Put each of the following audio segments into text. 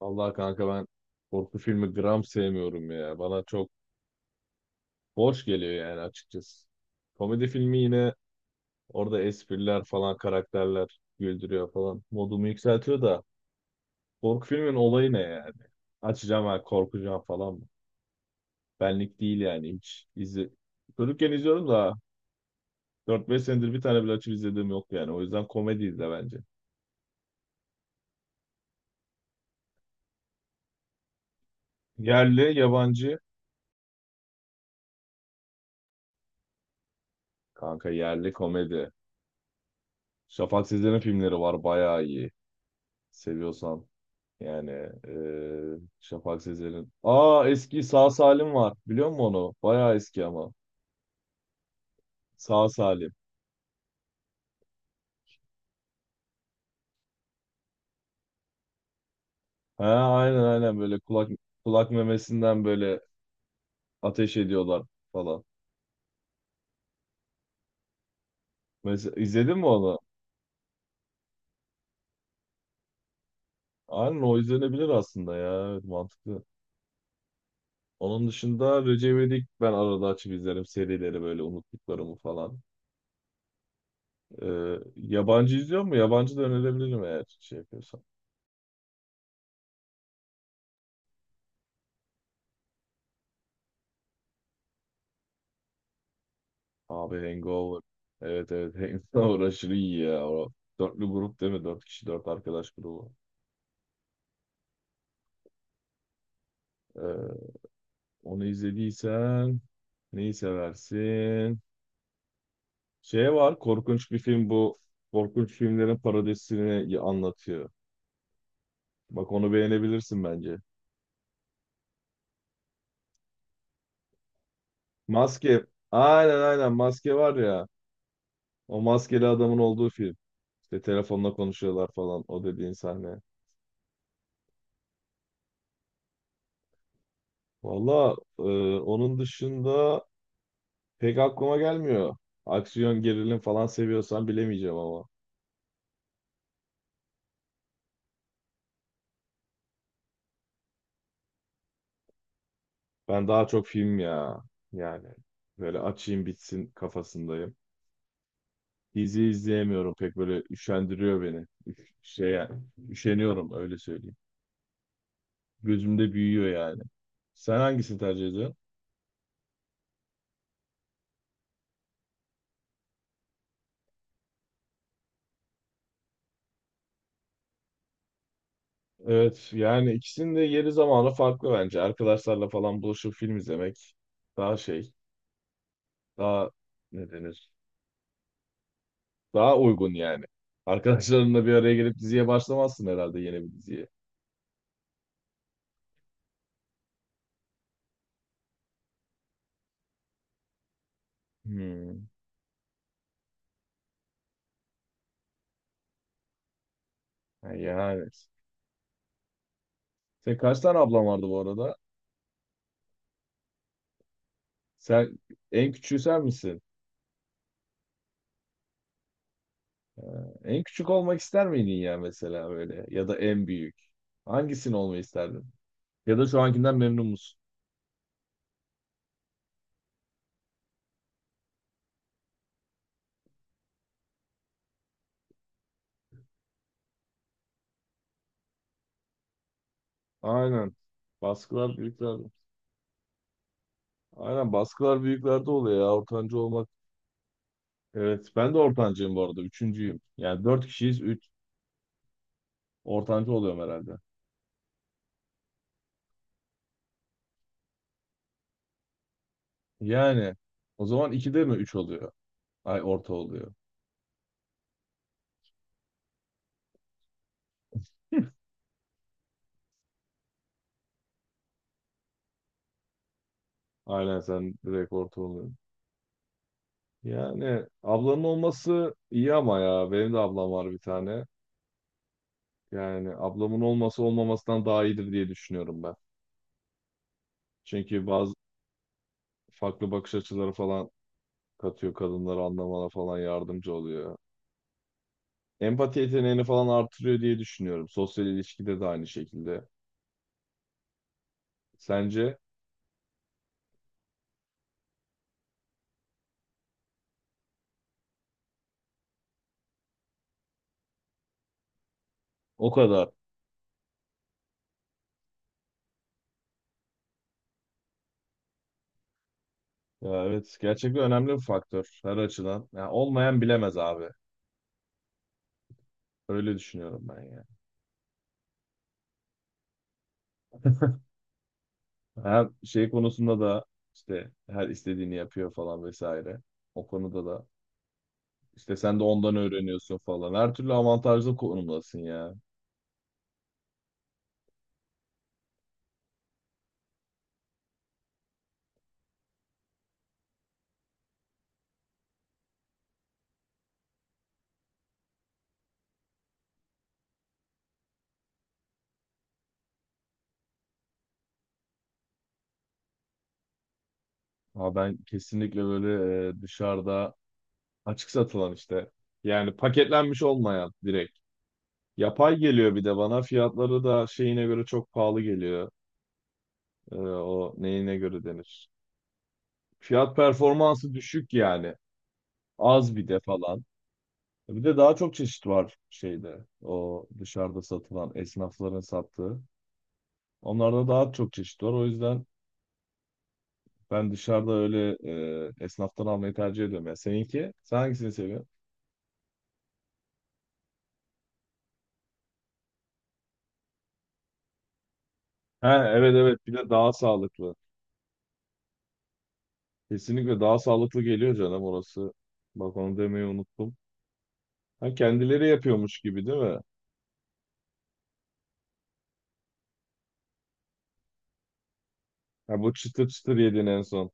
Vallahi kanka ben korku filmi gram sevmiyorum ya. Bana çok boş geliyor yani açıkçası. Komedi filmi yine orada espriler falan karakterler güldürüyor falan. Modumu yükseltiyor da korku filmin olayı ne yani? Açacağım ha korkacağım falan mı? Benlik değil yani hiç. Çocukken izliyorum da dört beş senedir bir tane bile açıp izlediğim yok yani. O yüzden komedi izle bence. Yerli, yabancı. Kanka yerli komedi. Şafak Sezer'in filmleri var bayağı iyi. Seviyorsan. Yani Şafak Sezer'in. Aa eski Sağ Salim var. Biliyor musun onu? Bayağı eski ama. Sağ Salim. He aynen aynen böyle kulak memesinden böyle ateş ediyorlar falan. Mesela izledin mi onu? Aynen o izlenebilir aslında ya. Evet, mantıklı. Onun dışında Recep İvedik ben arada açıp izlerim serileri böyle unuttuklarımı falan. Yabancı izliyor mu? Yabancı da önerebilirim eğer şey yapıyorsan. Abi Hangover. Evet, evet. Hangover aşırı iyi ya. O dörtlü grup değil mi? Dört kişi dört arkadaş grubu. Ee, onu izlediysen neyi seversin? Şey var, korkunç bir film bu. Korkunç filmlerin parodisini anlatıyor. Bak onu beğenebilirsin bence. Maske. Aynen aynen maske var ya. O maskeli adamın olduğu film. İşte telefonla konuşuyorlar falan, o dediğin sahne. Valla onun dışında pek aklıma gelmiyor. Aksiyon, gerilim falan seviyorsan bilemeyeceğim ama. Ben daha çok film ya. Yani böyle açayım bitsin kafasındayım. Dizi izleyemiyorum pek, böyle üşendiriyor beni. Şey yani, üşeniyorum öyle söyleyeyim. Gözümde büyüyor yani. Sen hangisini tercih ediyorsun? Evet yani ikisinin de yeri zamanı farklı bence. Arkadaşlarla falan buluşup film izlemek daha şey, daha ne denir? Daha uygun yani. Arkadaşlarınla bir araya gelip diziye başlamazsın herhalde, yeni bir diziye. Hmm. Ha, yani. Senin kaç tane ablan vardı bu arada? Sen en küçüğü sen misin? En küçük olmak ister miydin ya mesela böyle? Ya da en büyük. Hangisini olmayı isterdin? Ya da şu ankinden memnun musun? Aynen. Baskılar büyüklerde. Aynen baskılar büyüklerde oluyor ya. Ortancı olmak. Evet ben de ortancıyım bu arada. Üçüncüyüm. Yani dört kişiyiz. Üç. Ortancı oluyorum herhalde. Yani o zaman 2'de mi 3 oluyor? Ay orta oluyor. Aynen sen direkt orta oluyorsun. Yani ablanın olması iyi ama ya benim de ablam var bir tane. Yani ablamın olması olmamasından daha iyidir diye düşünüyorum ben. Çünkü bazı farklı bakış açıları falan katıyor, kadınları anlamana falan yardımcı oluyor. Empati yeteneğini falan artırıyor diye düşünüyorum. Sosyal ilişkide de aynı şekilde. Sence? O kadar. Ya evet, gerçekten önemli bir faktör her açıdan. Ya olmayan bilemez abi. Öyle düşünüyorum ben ya. Hem şey konusunda da işte her istediğini yapıyor falan vesaire. O konuda da işte sen de ondan öğreniyorsun falan. Her türlü avantajlı konumdasın ya. Ha ben kesinlikle böyle dışarıda açık satılan işte, yani paketlenmiş olmayan, direkt. Yapay geliyor bir de bana. Fiyatları da şeyine göre çok pahalı geliyor. E, o neyine göre denir? Fiyat performansı düşük yani. Az bir de falan. Bir de daha çok çeşit var şeyde. O dışarıda satılan, esnafların sattığı. Onlarda daha çok çeşit var. O yüzden ben dışarıda öyle esnaftan almayı tercih ediyorum. Ya seninki? Sen hangisini seviyorsun? Ha evet, evet, bir de daha sağlıklı. Kesinlikle daha sağlıklı geliyor, canım orası. Bak onu demeyi unuttum. Ha kendileri yapıyormuş gibi değil mi? Ha bu çıtır çıtır yedin en son.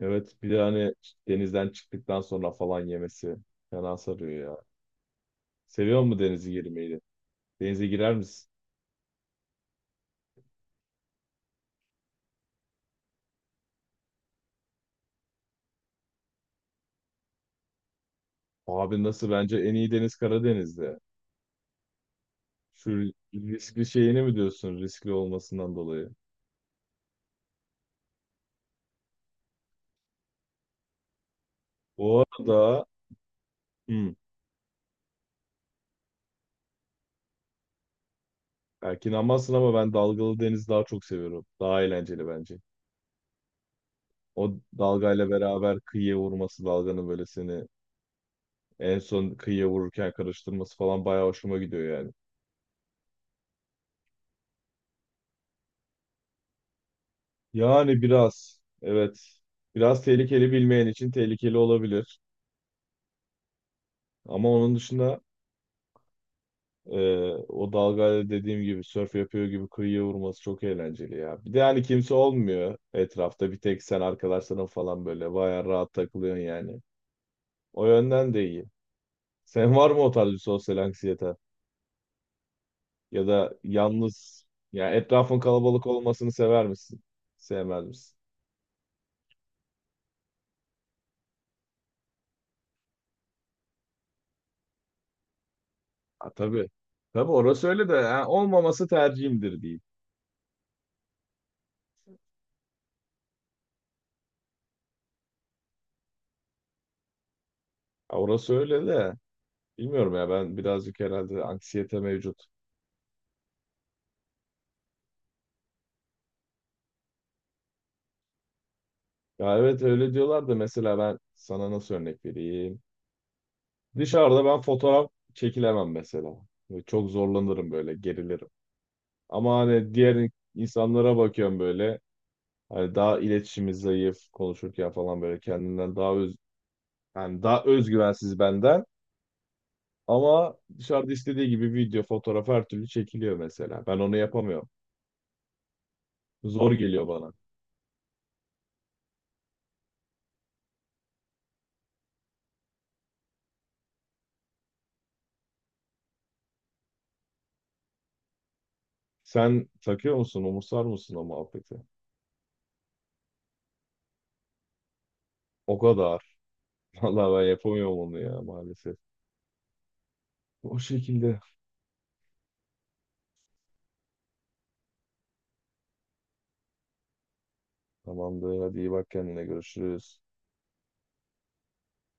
Evet, bir de hani denizden çıktıktan sonra falan yemesi fena sarıyor ya. Seviyor musun denize girmeyi? Denize girer misin? Abi nasıl, bence en iyi deniz Karadeniz'de. Şu riskli şeyini mi diyorsun, riskli olmasından dolayı? Bu arada hmm, belki inanmazsın ama ben dalgalı deniz daha çok seviyorum. Daha eğlenceli bence. O dalgayla beraber kıyıya vurması, dalganın böyle seni en son kıyıya vururken karıştırması falan bayağı hoşuma gidiyor yani. Yani biraz evet, biraz tehlikeli, bilmeyen için tehlikeli olabilir. Ama onun dışında Ee, o dalgayla dediğim gibi sörf yapıyor gibi kıyıya vurması çok eğlenceli ya. Bir de hani kimse olmuyor etrafta. Bir tek sen, arkadaşların falan, böyle bayağı rahat takılıyorsun yani. O yönden de iyi. Sen var mı o tarz bir sosyal anksiyete? Ya da yalnız ya, etrafın kalabalık olmasını sever misin? Sevmez misin? Ha, tabii. Tabii orası öyle de, ha, olmaması tercihimdir diyeyim. Ha, orası öyle de bilmiyorum ya, ben birazcık herhalde anksiyete mevcut. Ya evet öyle diyorlar da, mesela ben sana nasıl örnek vereyim? Dışarıda ben fotoğraf çekilemem mesela. Böyle çok zorlanırım, böyle gerilirim. Ama hani diğer insanlara bakıyorum, böyle hani daha iletişimi zayıf, konuşurken falan böyle kendinden daha öz, yani daha özgüvensiz benden, ama dışarıda istediği gibi video, fotoğraf, her türlü çekiliyor mesela. Ben onu yapamıyorum. Zor geliyor bana. Sen takıyor musun? Umursar mısın o muhabbeti? O kadar. Vallahi ben yapamıyorum onu ya, maalesef. O şekilde. Tamamdır. Hadi iyi bak kendine. Görüşürüz.